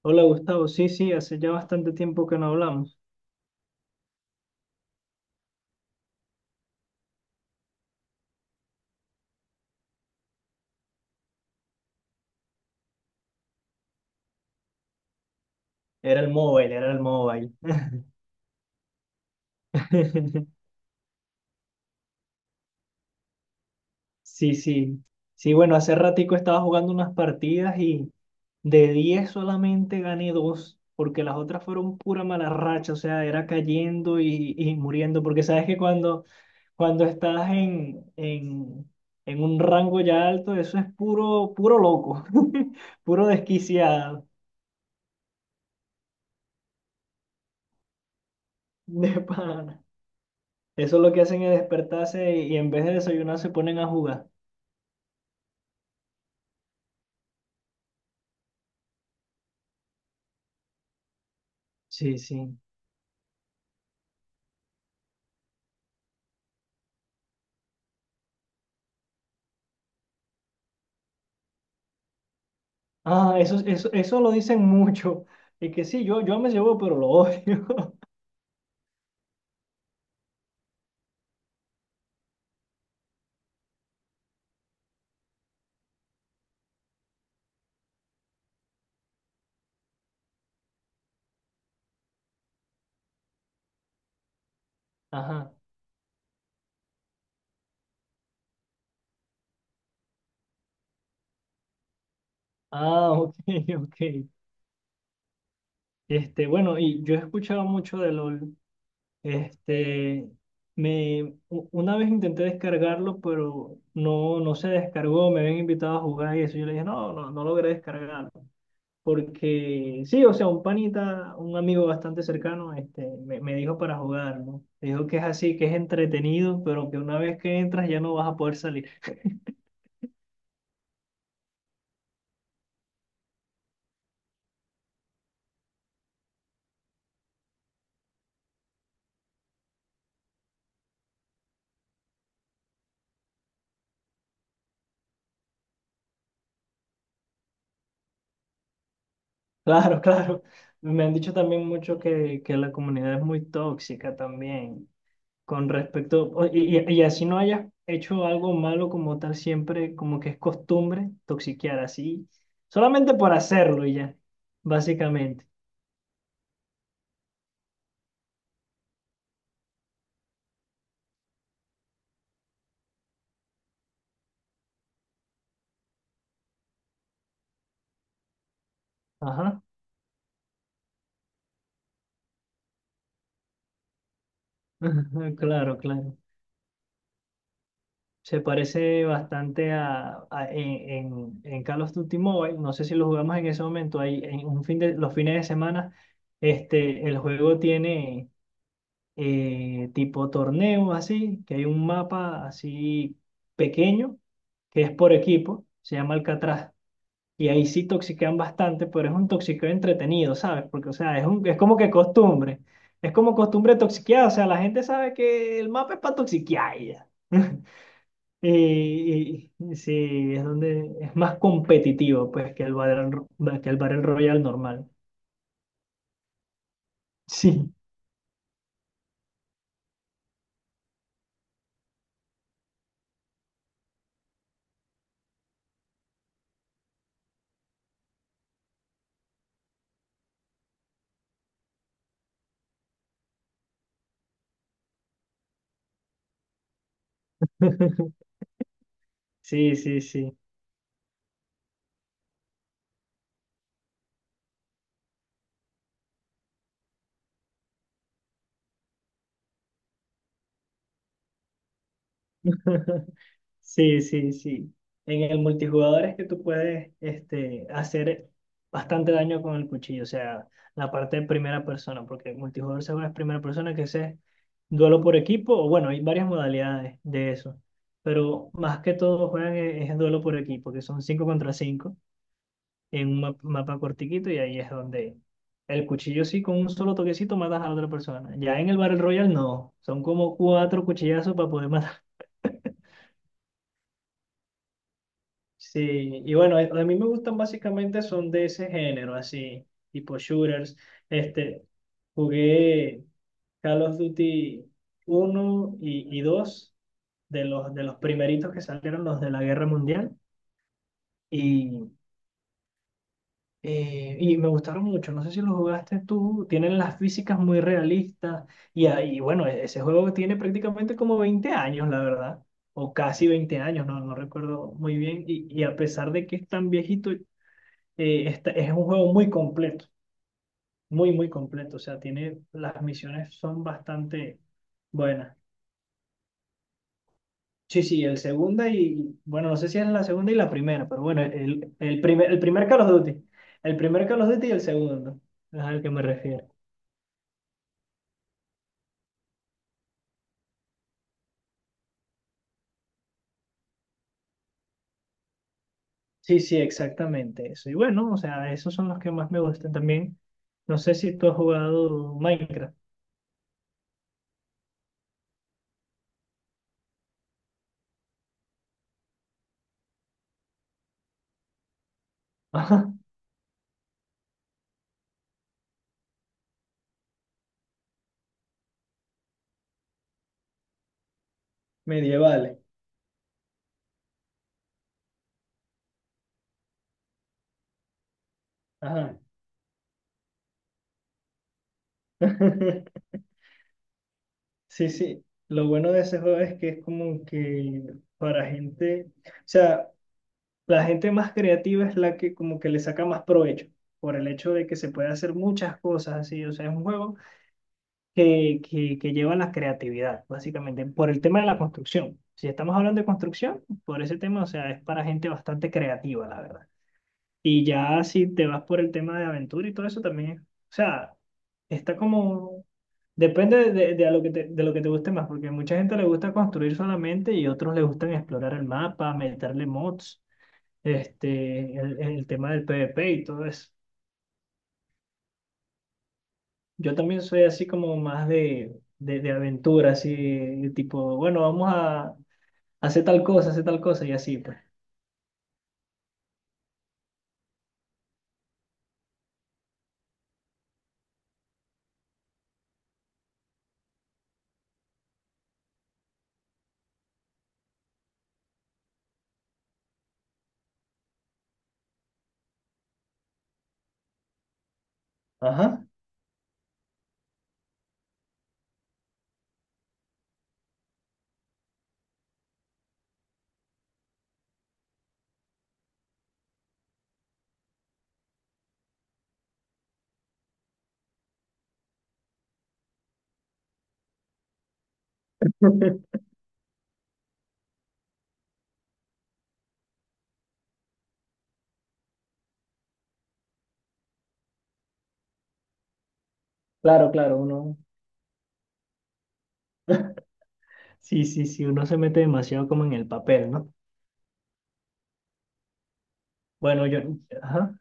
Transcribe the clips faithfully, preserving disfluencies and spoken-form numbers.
Hola Gustavo, sí, sí, hace ya bastante tiempo que no hablamos. Era el móvil, era el móvil. Sí, sí. Sí, bueno, hace ratico estaba jugando unas partidas y de diez solamente gané dos, porque las otras fueron pura mala racha, o sea, era cayendo y, y muriendo, porque sabes que cuando, cuando estás en, en, en un rango ya alto, eso es puro, puro loco, puro desquiciado, de pana. Eso es lo que hacen es despertarse y en vez de desayunar se ponen a jugar. Sí, sí. Ah, eso, eso, eso lo dicen mucho. Y que sí, yo, yo me llevo, pero lo odio. Ajá. Ah, ok, ok. Este, bueno, y yo he escuchado mucho de LOL. Este, me, u- una vez intenté descargarlo, pero no, no se descargó. Me habían invitado a jugar y eso. Yo le dije, no, no, no logré descargarlo. Porque sí, o sea, un panita, un amigo bastante cercano, este, me, me dijo para jugar, ¿no? Me dijo que es así, que es entretenido, pero que una vez que entras ya no vas a poder salir. Claro, claro. Me han dicho también mucho que, que la comunidad es muy tóxica también, con respecto, o- y, y- y así no hayas hecho algo malo como tal, siempre como que es costumbre toxiquear así, solamente por hacerlo y ya, básicamente. Ajá, claro, claro. Se parece bastante a, a- en, en, en Call of Duty Mobile. No sé si lo jugamos en ese momento. Ahí, en un fin de, los fines de semana, este, el juego tiene eh, tipo torneos así, que hay un mapa así pequeño, que es por equipo, se llama Alcatraz. Y ahí sí toxiquean bastante, pero es un toxiqueo entretenido, ¿sabes? Porque, o sea, es, un, es como que costumbre. Es como costumbre toxiquear. O sea, la gente sabe que el mapa es para toxiquear y ya. Y, y- sí, es donde es más competitivo pues que el Battle, Ro- que el Battle Royale normal. Sí. Sí, sí, sí. Sí, sí, sí. En el multijugador es que tú puedes este, hacer bastante daño con el cuchillo, o sea, la parte de primera persona, porque el multijugador se juega en primera persona, que ese es duelo por equipo, o bueno, hay varias modalidades de eso, pero más que todo juegan es, es duelo por equipo, que son cinco contra cinco en un ma- mapa cortiquito y ahí es donde el cuchillo sí con un solo toquecito matas a otra persona. Ya en el Battle Royale no, son como cuatro cuchillazos para poder matar. Sí, y bueno, a a mí me gustan básicamente son de ese género, así, tipo shooters. Este, jugué Call of Duty uno y, y dos de los, de los primeritos que salieron los de la Guerra Mundial. Y Eh, y me gustaron mucho, no sé si lo jugaste tú, tienen las físicas muy realistas y, ahí, bueno, e- ese juego tiene prácticamente como veinte años, la verdad, o casi veinte años, no, no recuerdo muy bien, y, y a pesar de que es tan viejito, eh, está- es un juego muy completo, muy, muy completo, o sea, tiene, las misiones son bastante buenas. Sí, sí, el segunda y, bueno, no sé si es la segunda y la primera, pero bueno, el, el primer, el primer Call of Duty, el primer Call of Duty y el segundo, es al que me refiero. Sí, sí, exactamente eso. Y bueno, o sea, esos son los que más me gustan también. No sé si tú has jugado Minecraft. Ajá, medievales. Ajá. Sí, sí. Lo bueno de ese juego es que es como que para gente, o sea, la gente más creativa es la que como que le saca más provecho por el hecho de que se puede hacer muchas cosas así. O sea, es un juego que, que, que lleva a la creatividad, básicamente, por el tema de la construcción. Si estamos hablando de construcción, por ese tema, o sea, es para gente bastante creativa, la verdad. Y ya si te vas por el tema de aventura y todo eso también, o sea, está como, depende de, de- de a lo que te, de lo que te guste más, porque mucha gente le gusta construir solamente y otros le gustan explorar el mapa, meterle mods, este, el, el tema del PvP y todo eso. Yo también soy así como más de, de, de aventura, así tipo, bueno, vamos a hacer tal cosa, hacer tal cosa y así, pues. Ajá. Claro, claro, uno, sí, sí, sí, uno se mete demasiado como en el papel, ¿no? Bueno, yo, ajá,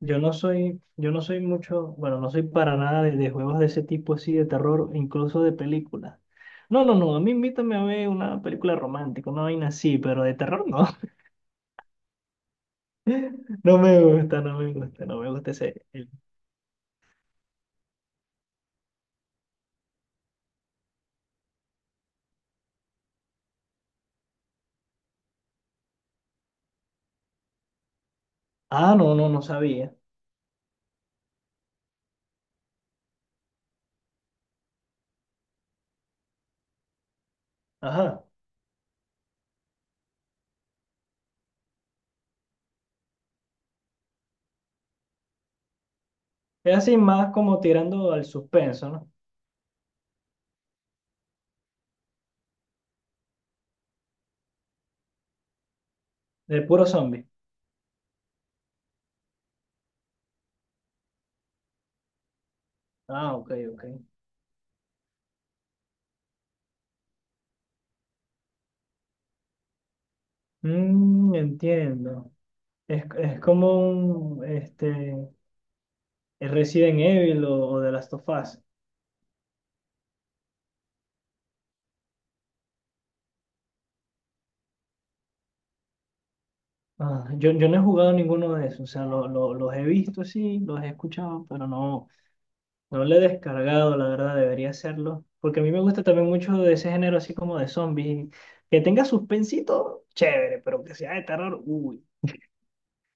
yo no soy, yo no soy mucho, bueno, no soy para nada de, de juegos de ese tipo así, de terror, e incluso de películas. No, no, no, a mí invítame a ver una película romántica, una vaina así, pero de terror no, no me gusta, no me gusta, no me gusta ese... el- Ah, no, no, no sabía. Ajá. Es así más como tirando al suspenso, ¿no? De puro zombie. Ah, ok, ok. Mm, entiendo. Es, es como un este, Resident Evil o, o The Last of Us. Ah, yo, yo no he jugado ninguno de esos. O sea, lo- lo- los he visto, sí, los he escuchado, pero no, no lo he descargado, la verdad, debería hacerlo. Porque a mí me gusta también mucho de ese género así como de zombies. Que tenga suspensito, chévere, pero que sea de terror, uy.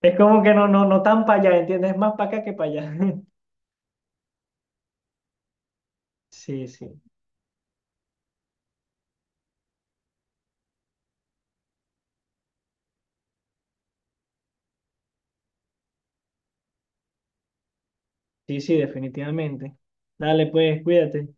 Es como que no, no, no tan para allá, ¿entiendes? Es más para acá que para allá. Sí, sí, sí, sí, definitivamente. Dale, pues, cuídate.